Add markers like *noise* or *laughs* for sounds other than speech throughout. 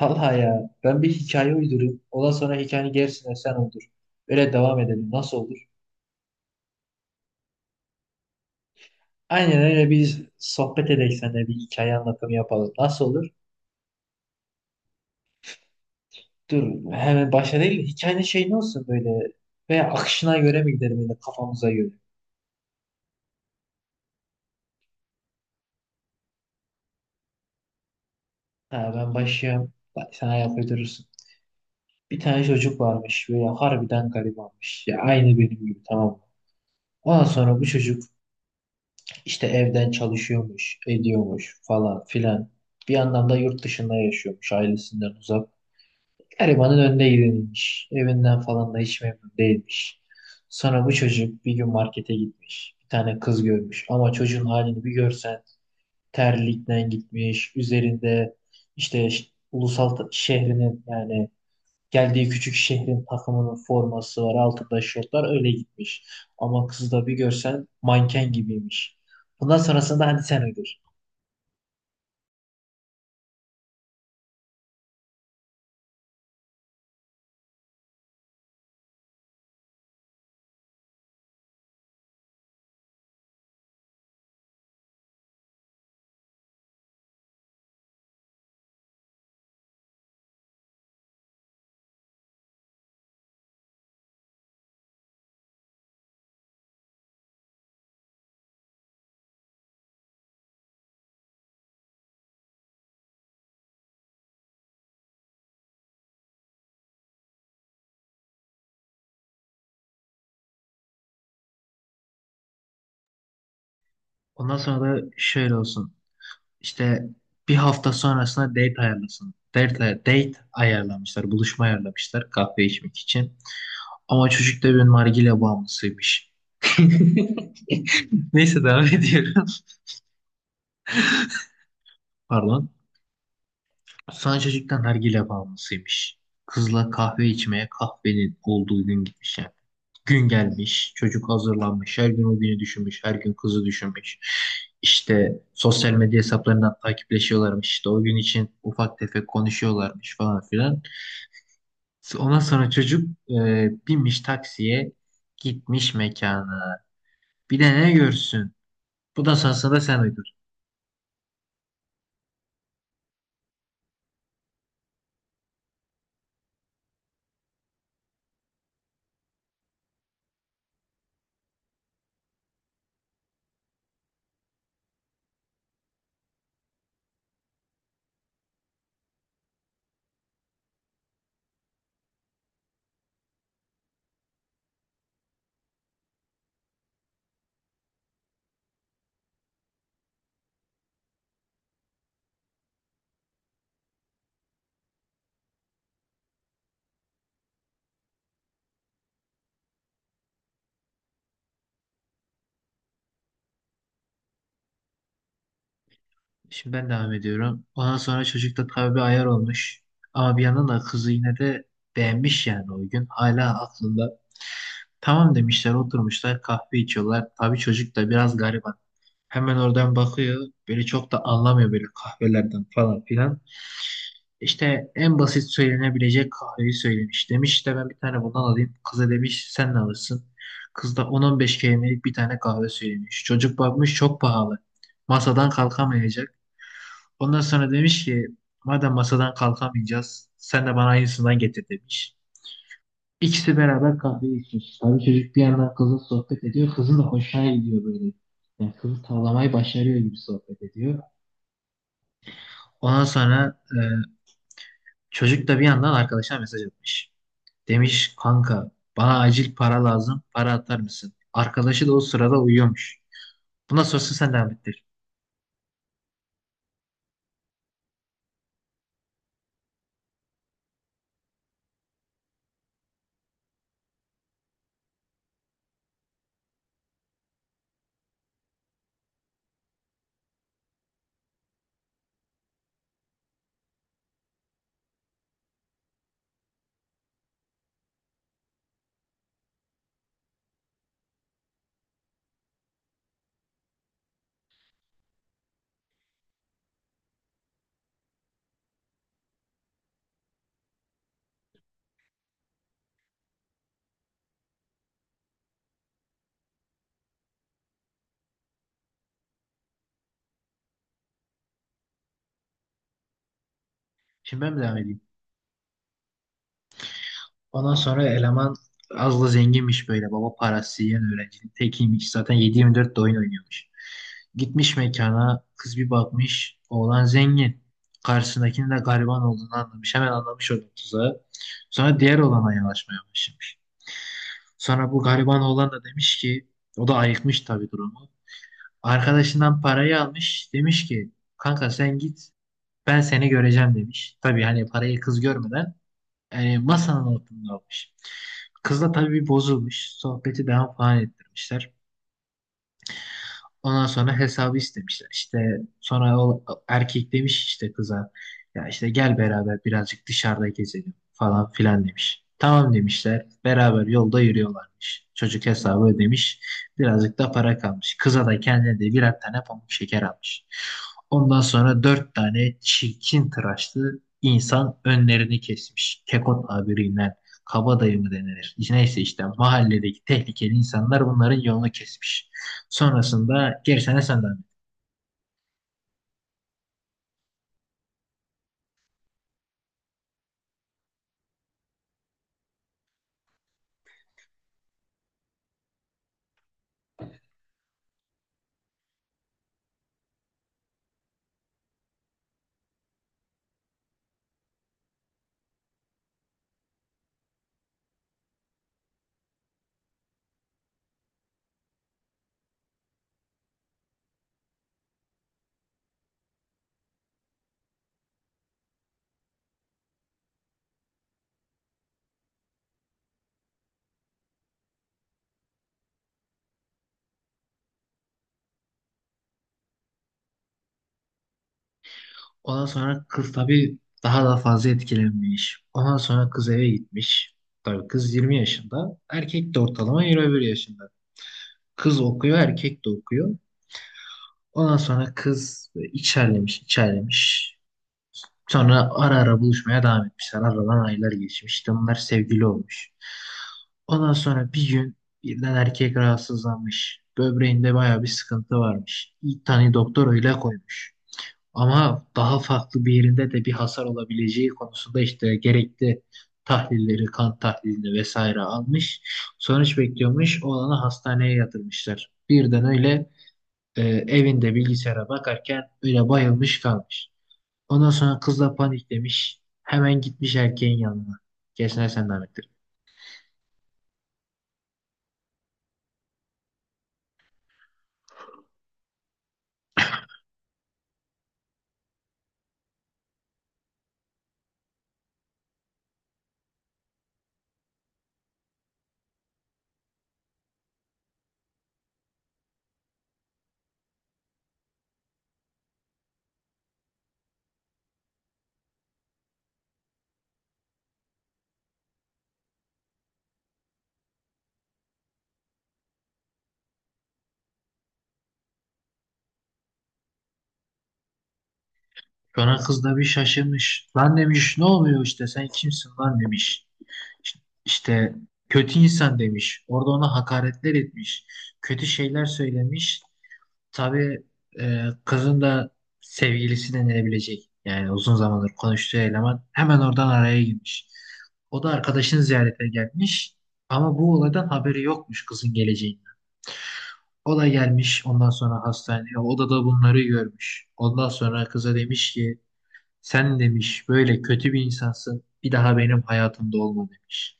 Vallahi ya, ben bir hikaye uydurayım. Ondan sonra hikayenin gerisini sen uydur. Öyle devam edelim. Nasıl olur? Aynen öyle, biz sohbet edelim, seninle bir hikaye anlatımı yapalım. Nasıl olur? Dur, hemen başa değil. Hikayenin ne olsun böyle? Veya akışına göre mi gidelim, yine kafamıza göre? Ha, ben başlayayım. Bak, sen ayak uydurursun. Bir tane çocuk varmış, böyle harbiden garibanmış. Ya, aynı benim gibi, tamam mı? Ondan sonra bu çocuk İşte evden çalışıyormuş, ediyormuş falan filan. Bir yandan da yurt dışında yaşıyormuş, ailesinden uzak. Garibanın önüne gidilmiş. Evinden falan da hiç memnun değilmiş. Sonra bu çocuk bir gün markete gitmiş. Bir tane kız görmüş. Ama çocuğun halini bir görsen, terlikten gitmiş. Üzerinde işte ş- şehrinin, yani geldiği küçük şehrin takımının forması var. Altında şortlar, öyle gitmiş. Ama kızı da bir görsen, manken gibiymiş. Bundan sonrasında hadi sen ödür. Ondan sonra da şöyle olsun. İşte bir hafta sonrasında date ayarlasın. Date ayarlamışlar. Buluşma ayarlamışlar, kahve içmek için. Ama çocuk da bir nargile bağımlısıymış. *laughs* Neyse, devam ediyorum. Pardon. Sanchez'den nargile bağımlısıymış. Kızla kahve içmeye, kahvenin olduğu gün gitmiş yani. Gün gelmiş, çocuk hazırlanmış, her gün o günü düşünmüş, her gün kızı düşünmüş. İşte sosyal medya hesaplarından takipleşiyorlarmış, işte o gün için ufak tefek konuşuyorlarmış falan filan. Ondan sonra çocuk binmiş taksiye, gitmiş mekana. Bir de ne görsün? Bu da sonrasında sen uydurdun. Şimdi ben devam ediyorum. Ondan sonra çocukta tabii bir ayar olmuş. Ama bir yandan da kızı yine de beğenmiş yani o gün. Hala aklında. Tamam demişler, oturmuşlar, kahve içiyorlar. Tabii çocuk da biraz gariban. Hemen oradan bakıyor. Böyle çok da anlamıyor böyle kahvelerden falan filan. İşte en basit söylenebilecek kahveyi söylemiş. Demiş işte ben bir tane bundan alayım. Kıza demiş sen ne alırsın? Kız da 10-15 kelimelik bir tane kahve söylemiş. Çocuk bakmış çok pahalı. Masadan kalkamayacak. Ondan sonra demiş ki madem masadan kalkamayacağız, sen de bana aynısından getir demiş. İkisi beraber kahve içmiş. Tabii çocuk bir yandan kızla sohbet ediyor. Kızın da hoşuna gidiyor böyle. Yani kızı tavlamayı başarıyor gibi sohbet ediyor. Ondan sonra çocuk da bir yandan arkadaşına mesaj atmış. Demiş kanka, bana acil para lazım. Para atar mısın? Arkadaşı da o sırada uyuyormuş. Bundan sonrası sen devam ettir. Şimdi ben mi devam edeyim? Ondan sonra eleman az da zenginmiş böyle. Baba parası yiyen öğrencinin tekiymiş. Zaten 7-24 de oyun oynuyormuş. Gitmiş mekana. Kız bir bakmış. Oğlan zengin. Karşısındakinin de gariban olduğunu anlamış. Hemen anlamış onun tuzağı. Sonra diğer oğlana yanaşmaya başlamış. Sonra bu gariban oğlan da demiş ki, o da ayıkmış tabii durumu. Arkadaşından parayı almış. Demiş ki kanka sen git, ben seni göreceğim demiş. Tabii hani parayı kız görmeden, yani masanın altında almış. Kızla tabii bozulmuş. Sohbeti devam falan ettirmişler. Ondan sonra hesabı istemişler. İşte sonra o erkek demiş işte kıza, ya işte gel beraber birazcık dışarıda gezelim falan filan demiş. Tamam demişler. Beraber yolda yürüyorlarmış. Çocuk hesabı ödemiş. Birazcık da para kalmış. Kıza da kendine de birer tane pamuk şeker almış. Ondan sonra dört tane çirkin tıraşlı insan önlerini kesmiş. Kekot tabiriyle kabadayı mı denilir? Neyse işte mahalledeki tehlikeli insanlar bunların yolunu kesmiş. Sonrasında gerisine senden. Ondan sonra kız tabii daha da fazla etkilenmiş. Ondan sonra kız eve gitmiş. Tabii kız 20 yaşında. Erkek de ortalama 21 yaşında. Kız okuyor, erkek de okuyor. Ondan sonra kız içerlemiş, içerlemiş. Sonra ara ara buluşmaya devam etmişler. Aradan aylar geçmiş. İşte bunlar sevgili olmuş. Ondan sonra bir gün birden erkek rahatsızlanmış. Böbreğinde baya bir sıkıntı varmış. İlk tane doktor öyle koymuş. Ama daha farklı bir yerinde de bir hasar olabileceği konusunda işte gerekli tahlilleri, kan tahlilini vesaire almış. Sonuç bekliyormuş. Oğlanı hastaneye yatırmışlar. Birden öyle e, evinde bilgisayara bakarken öyle bayılmış kalmış. Ondan sonra kız da paniklemiş. Hemen gitmiş erkeğin yanına. Kesene sen Ahmet. Sonra kız da bir şaşırmış. Lan demiş ne oluyor, işte sen kimsin lan demiş. İşte kötü insan demiş. Orada ona hakaretler etmiş. Kötü şeyler söylemiş. Tabii kızın da sevgilisi denilebilecek, yani uzun zamandır konuştuğu eleman hemen oradan araya girmiş. O da arkadaşını ziyarete gelmiş. Ama bu olaydan haberi yokmuş, kızın geleceğinden. O da gelmiş ondan sonra hastaneye. O da da bunları görmüş. Ondan sonra kıza demiş ki sen demiş böyle kötü bir insansın. Bir daha benim hayatımda olma demiş.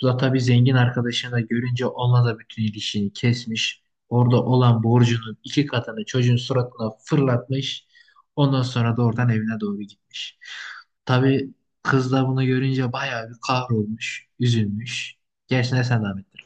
Zula tabii zengin arkadaşını da görünce onunla da bütün ilişkini kesmiş. Orada olan borcunun iki katını çocuğun suratına fırlatmış. Ondan sonra da oradan evine doğru gitmiş. Tabii kız da bunu görünce bayağı bir kahrolmuş, üzülmüş. Gerisine sen devam ettir.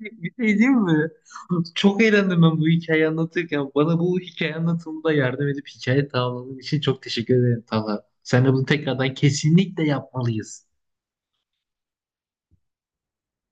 Bir şey diyeyim mi? Çok eğlendim ben bu hikayeyi anlatırken. Bana bu hikaye anlatımında yardım edip hikaye tamamladığın için çok teşekkür ederim Talha. Sen de bunu tekrardan kesinlikle yapmalıyız.